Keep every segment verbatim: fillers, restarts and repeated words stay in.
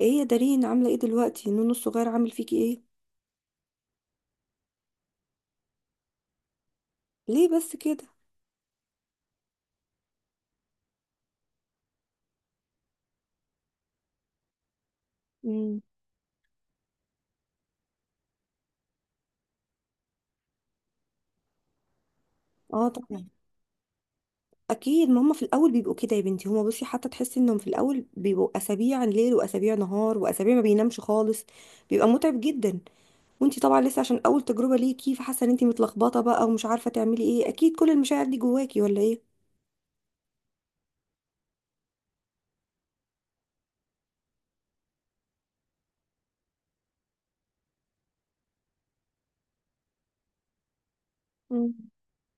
ايه يا دارين، عامله ايه دلوقتي؟ نونو الصغير عامل فيكي ايه؟ ليه بس كده؟ امم اه، طبعا. اكيد ما هما في الاول بيبقوا كده يا بنتي. هما بصي، حتى تحسي انهم في الاول بيبقوا اسابيع ليل واسابيع نهار واسابيع ما بينامش خالص، بيبقى متعب جدا. وانتي طبعا لسه، عشان اول تجربه ليكي، فحاسه ان انتي متلخبطه بقى ومش عارفه تعملي ايه، اكيد كل المشاعر دي جواكي ولا ايه؟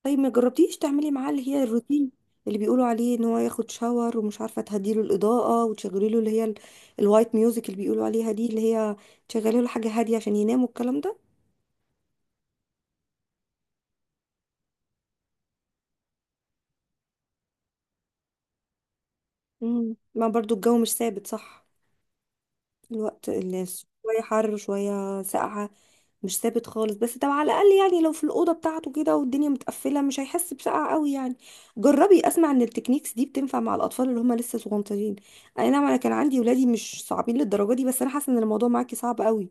طيب ما جربتيش تعملي معاه اللي هي الروتين اللي بيقولوا عليه، ان هو ياخد شاور، ومش عارفه تهديله الاضاءه وتشغلي له اللي هي ال- الوايت ميوزك اللي بيقولوا عليها دي، اللي هي تشغلي له حاجه هاديه عشان ينام والكلام ده. امم ما برضو الجو مش ثابت، صح؟ الوقت الناس شويه حر وشويه ساقعه، مش ثابت خالص. بس طب على الاقل يعني، لو في الاوضه بتاعته كده والدنيا متقفله، مش هيحس بسقعه قوي يعني. جربي، اسمع ان التكنيكس دي بتنفع مع الاطفال اللي هم لسه صغنطين. اي نعم، انا كان عندي ولادي مش صعبين للدرجه دي، بس انا حاسه ان الموضوع معاكي صعب قوي.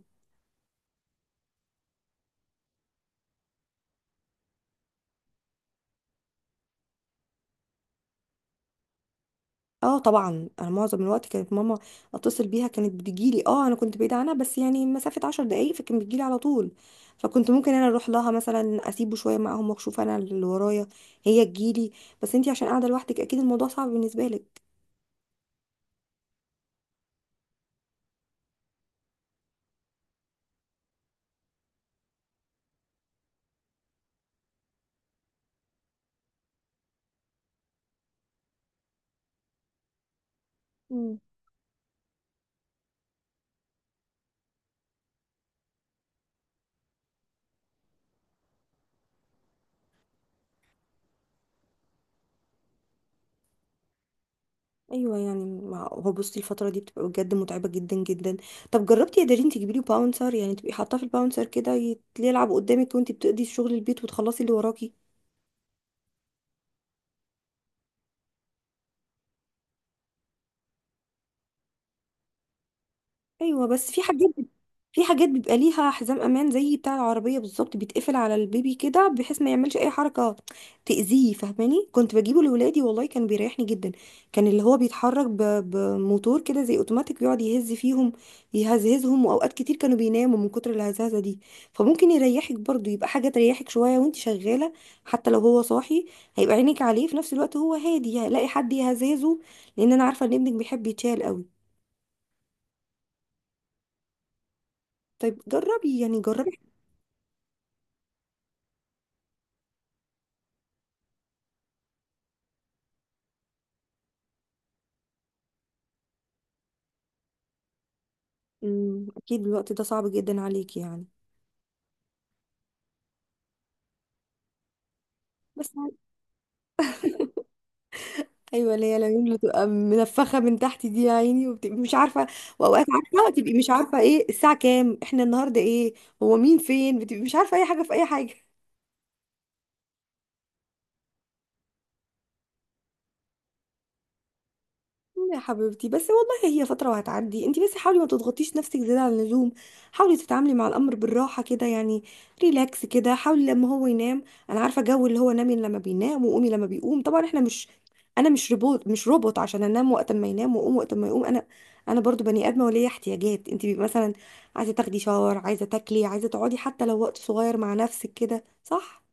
اه طبعا، انا معظم الوقت كانت ماما اتصل بيها كانت بتجيلي. اه انا كنت بعيده عنها بس يعني مسافه عشر دقايق، فكان بتجيلي على طول. فكنت ممكن انا اروح لها مثلا، اسيبه شويه معاهم واشوف انا اللي ورايا، هي تجيلي. بس انتي عشان قاعده لوحدك، اكيد الموضوع صعب بالنسبه لك. ايوه، يعني ما هو بصي الفتره دي بتبقى بجد متعبه جدا جدا. طب جربتي يا دارين تجيبي لي باونسر؟ يعني تبقي حاطاه في الباونسر كده يت- يلعب قدامك وانت بتقضي شغل البيت وتخلصي اللي وراكي. ايوه بس في حاجات في حاجات بيبقى ليها حزام امان زي بتاع العربيه بالظبط، بيتقفل على البيبي كده بحيث ما يعملش اي حركه تاذيه، فاهماني؟ كنت بجيبه لاولادي والله كان بيريحني جدا. كان اللي هو بيتحرك ب- بموتور كده زي اوتوماتيك، بيقعد يهز فيهم، يهزهزهم، واوقات كتير كانوا بيناموا من كتر الهزازه دي. فممكن يريحك برضو، يبقى حاجه تريحك شويه وانت شغاله، حتى لو هو صاحي هيبقى عينك عليه في نفس الوقت. هو هادي هلاقي حد يهزهزه، لان انا عارفه ان ابنك بيحب يتشال قوي. طيب جربي يعني، جربي. امم اكيد الوقت ده صعب جدا عليك يعني. بس ايوه، اللي هي العيون اللي تبقى منفخه من تحت دي يا عيني، وبتبقي مش عارفه، واوقات عارفه تبقي مش عارفه ايه الساعه كام، احنا النهارده ايه، هو مين، فين، بتبقي مش عارفه اي حاجه في اي حاجه. يا حبيبتي بس والله هي فترة وهتعدي، انتي بس حاولي ما تضغطيش نفسك زيادة عن اللزوم، حاولي تتعاملي مع الأمر بالراحة كده يعني، ريلاكس كده. حاولي لما هو ينام، أنا عارفة جو اللي هو نامي لما بينام وقومي لما بيقوم، طبعا احنا مش أنا مش روبوت، مش روبوت عشان أنام وقت ما ينام وأقوم وقت ما يقوم. أنا أنا برضو بني آدمة وليا احتياجات. انتي بيبقى مثلا عايزة تاخدي شاور، عايزة تاكلي، عايزة تقعدي حتى لو وقت صغير مع نفسك كده، صح؟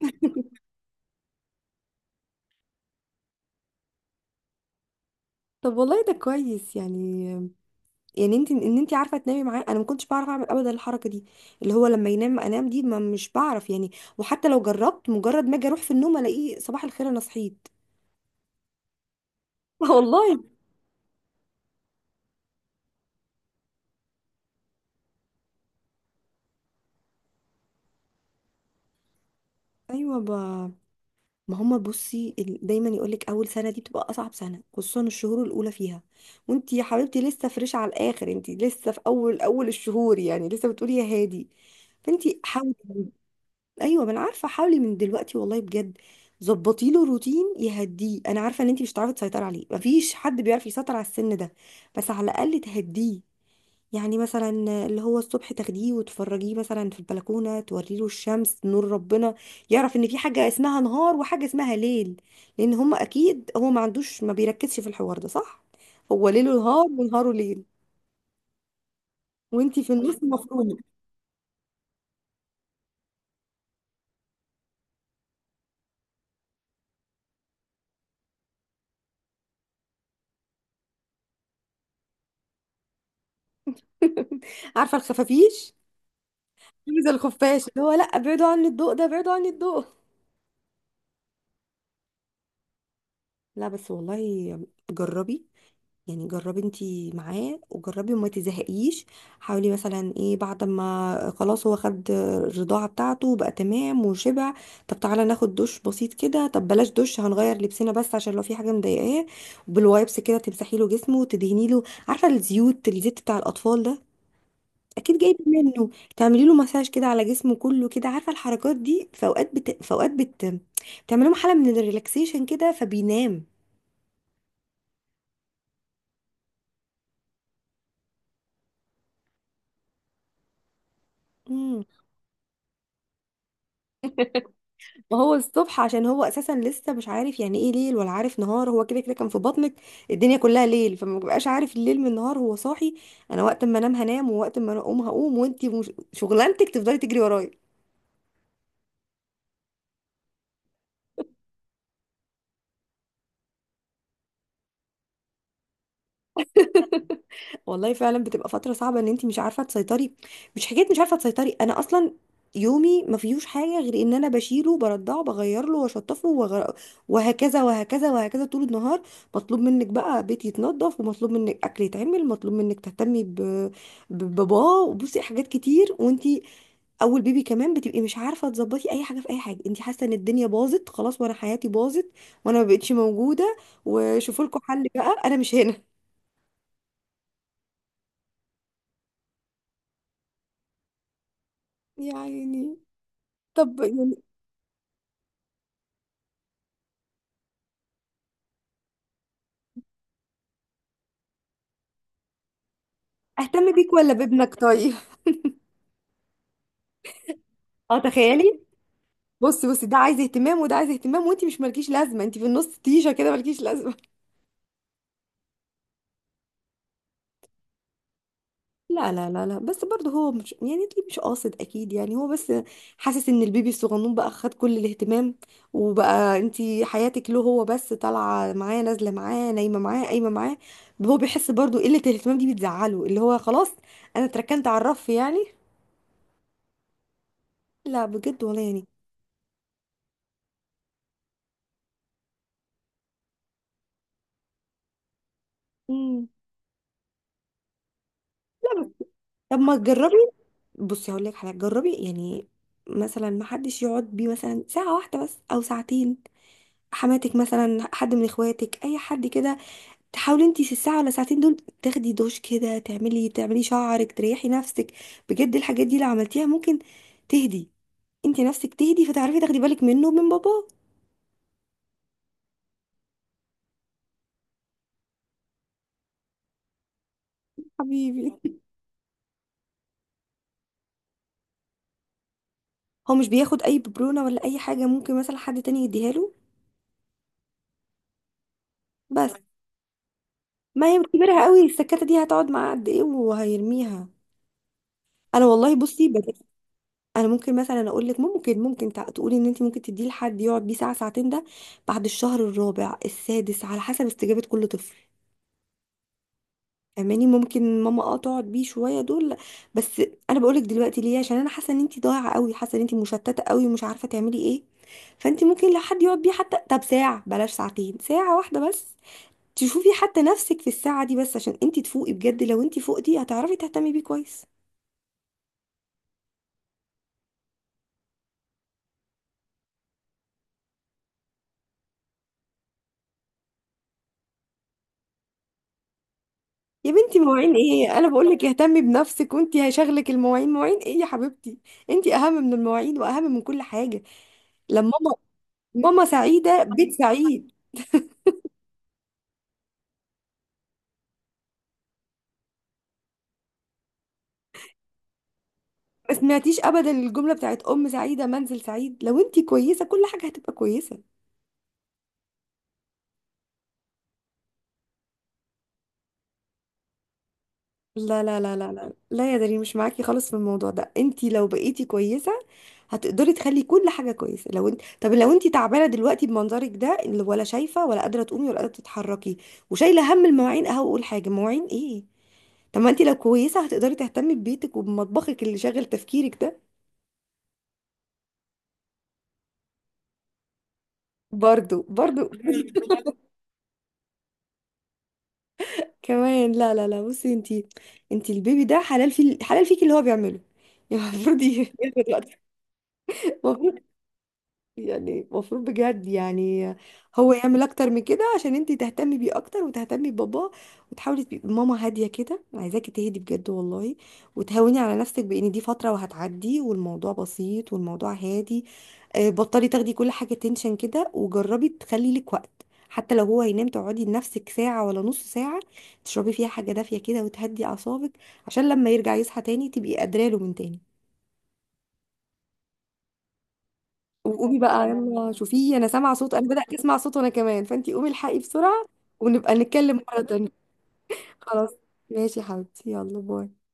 طب والله ده كويس يعني. يعني انت، ان انت عارفه تنامي معاه، انا ما كنتش بعرف اعمل ابدا الحركه دي، اللي هو لما ينام انام دي، ما مش بعرف يعني. وحتى لو جربت، مجرد ما اجي اروح في النوم الاقيه صباح الخير انا صحيت. والله. ايوه ب... ما هما بصي ال- دايما يقولك اول سنه دي بتبقى اصعب سنه، خصوصا الشهور الاولى فيها. وانت يا حبيبتي لسه فريش على الاخر، انت لسه في اول اول الشهور يعني، لسه بتقولي يا هادي. فانت حاولي. ايوه، ما انا عارفه، حاولي من دلوقتي والله بجد. ظبطي له روتين يهديه. انا عارفه ان انت مش هتعرفي تسيطري عليه، مفيش حد بيعرف يسيطر على السن ده، بس على الاقل تهديه. يعني مثلا، اللي هو الصبح تاخديه وتفرجيه مثلا في البلكونه، توري له الشمس نور ربنا، يعرف ان في حاجه اسمها نهار وحاجه اسمها ليل. لان هم اكيد، هو ما عندوش، ما بيركزش في الحوار ده، صح؟ هو ليله نهار ونهاره ليل، وانت في النص مفرومه. عارفه الخفافيش؟ عايزه الخفاش، اللي هو لا ابعدوا عني الضوء ده، ابعدوا عني الضوء. لا بس والله، جربي يعني، جربي انتي معاه، وجربي وما تزهقيش. حاولي مثلا ايه، بعد ما خلاص هو خد الرضاعة بتاعته وبقى تمام وشبع، طب تعالى ناخد دش بسيط كده، طب بلاش دش هنغير لبسنا بس، عشان لو في حاجة مضايقاه. بالوايبس كده تمسحي له جسمه وتدهني له، عارفة الزيوت، الزيت بتاع الأطفال ده، اكيد جايبه منه، تعملي له مساج كده على جسمه كله كده. عارفه الحركات دي، في اوقات بت... في اوقات بت... بتعمل له حاله من الريلاكسيشن كده فبينام. امم وهو الصبح عشان هو اساسا لسه مش عارف يعني ايه ليل ولا عارف نهار، هو كده كده كان في بطنك الدنيا كلها ليل، فما بيبقاش عارف الليل من النهار. هو صاحي، انا وقت ما انام هنام ووقت ما اقوم هقوم، وانتي مش... شغلانتك تفضلي تجري ورايا. والله فعلا بتبقى فترة صعبة، ان انت مش عارفة تسيطري. مش حكاية مش عارفة تسيطري، انا اصلا يومي ما فيهوش حاجة غير ان انا بشيله، برضعه، بغير له، واشطفه، وغ... وهكذا وهكذا وهكذا طول النهار. مطلوب منك بقى بيت يتنضف، ومطلوب منك اكل يتعمل، مطلوب منك تهتمي ب... بباباه، وبصي حاجات كتير. وانت اول بيبي كمان، بتبقي مش عارفة تظبطي اي حاجة في اي حاجة. انت حاسة ان الدنيا باظت خلاص، وانا حياتي باظت، وانا ما بقتش موجودة، وشوفوا لكم حل بقى انا مش هنا. يا عيني. طب اهتم بيك ولا بابنك طيب؟ اه تخيلي. بص بص، ده عايز اهتمام وده عايز اهتمام، وانت مش مالكيش لازمه، انت في النص تيشه كده مالكيش لازمه. لا لا لا لا، بس برضه هو مش، يعني انت مش قاصد اكيد يعني، هو بس حاسس ان البيبي الصغنون بقى خد كل الاهتمام، وبقى انت حياتك له هو بس، طالعه معاه نازله معاه، نايمه معاه قايمه معاه. هو بيحس برضه قله الاهتمام دي بتزعله، اللي هو خلاص انا اتركنت على الرف يعني. لا بجد، ولا يعني. مم. لا بس، طب ما تجربي. بصي هقول لك حاجه، جربي يعني. مثلا ما حدش يقعد بيه مثلا ساعه واحده بس او ساعتين، حماتك مثلا، حد من اخواتك، اي حد كده. تحاولي انت في الساعه ولا ساعتين دول تاخدي دوش كده، تعملي تعملي شعرك، تريحي نفسك. بجد الحاجات دي لو عملتيها ممكن تهدي، انت نفسك تهدي، فتعرفي تاخدي بالك منه ومن بابا حبيبي. هو مش بياخد اي ببرونه ولا اي حاجه، ممكن مثلا حد تاني يديها له؟ بس ما هي كبيرها قوي، السكته دي هتقعد معاه قد ايه وهيرميها. انا والله بصي، انا ممكن مثلا اقول لك، ممكن ممكن تع- تقولي ان انت ممكن تديه لحد يقعد بيه ساعه ساعتين ده بعد الشهر الرابع السادس، على حسب استجابه كل طفل. اماني ممكن، ماما اه تقعد بيه شويه دول بس. انا بقولك دلوقتي ليه، عشان انا حاسه ان انت ضايعه قوي، حاسه ان انت مشتته قوي ومش عارفه تعملي ايه. فانت ممكن لو حد يقعد بيه حتى طب ساعه، بلاش ساعتين، ساعه واحده بس، تشوفي حتى نفسك في الساعه دي بس، عشان انت تفوقي بجد. لو انت فوقتي، هتعرفي تهتمي بيه كويس. يا بنتي مواعين ايه؟ انا بقول لك اهتمي بنفسك وانتي هيشغلك المواعين؟ مواعين ايه يا حبيبتي؟ انتي اهم من المواعين واهم من كل حاجه. لما ماما ماما سعيده بيت سعيد. ما سمعتيش ابدا الجمله بتاعت ام سعيده منزل سعيد؟ لو انتي كويسه كل حاجه هتبقى كويسه. لا لا لا لا لا لا يا دارين، مش معاكي خالص في الموضوع ده. انت لو بقيتي كويسه هتقدري تخلي كل حاجه كويسه. لو انت طب لو انت تعبانه دلوقتي بمنظرك ده، اللي ولا شايفه ولا قادره تقومي ولا قادره تتحركي، وشايله هم المواعين، اهو اقول حاجه مواعين ايه؟ طب ما انت لو كويسه هتقدري تهتمي ببيتك وبمطبخك اللي شاغل تفكيرك ده. برضو، برضو. كمان، لا لا لا، بصي انت انت البيبي ده حلال في حلال فيكي، اللي هو بيعمله، يعني المفروض ياخد وقت. يعني المفروض بجد يعني، هو يعمل اكتر من كده عشان انتي تهتمي بيه اكتر وتهتمي بباباه، وتحاولي تبقي ماما هاديه كده. أنا عايزاكي تهدي بجد والله، وتهوني على نفسك بان دي فتره وهتعدي، والموضوع بسيط والموضوع هادي. آه، بطلي تاخدي كل حاجه تنشن كده، وجربي تخلي لك وقت. حتى لو هو هينام، تقعدي لنفسك ساعه ولا نص ساعه، تشربي فيها حاجه دافيه كده وتهدي اعصابك، عشان لما يرجع يصحى تاني تبقي قادره له من تاني. وقومي بقى، يلا شوفيه، انا سامعه صوت، انا بدات اسمع صوت وانا كمان، فانتي قومي الحقي بسرعه، ونبقى نتكلم مره تانية. خلاص، ماشي يا حبيبتي، يلا باي.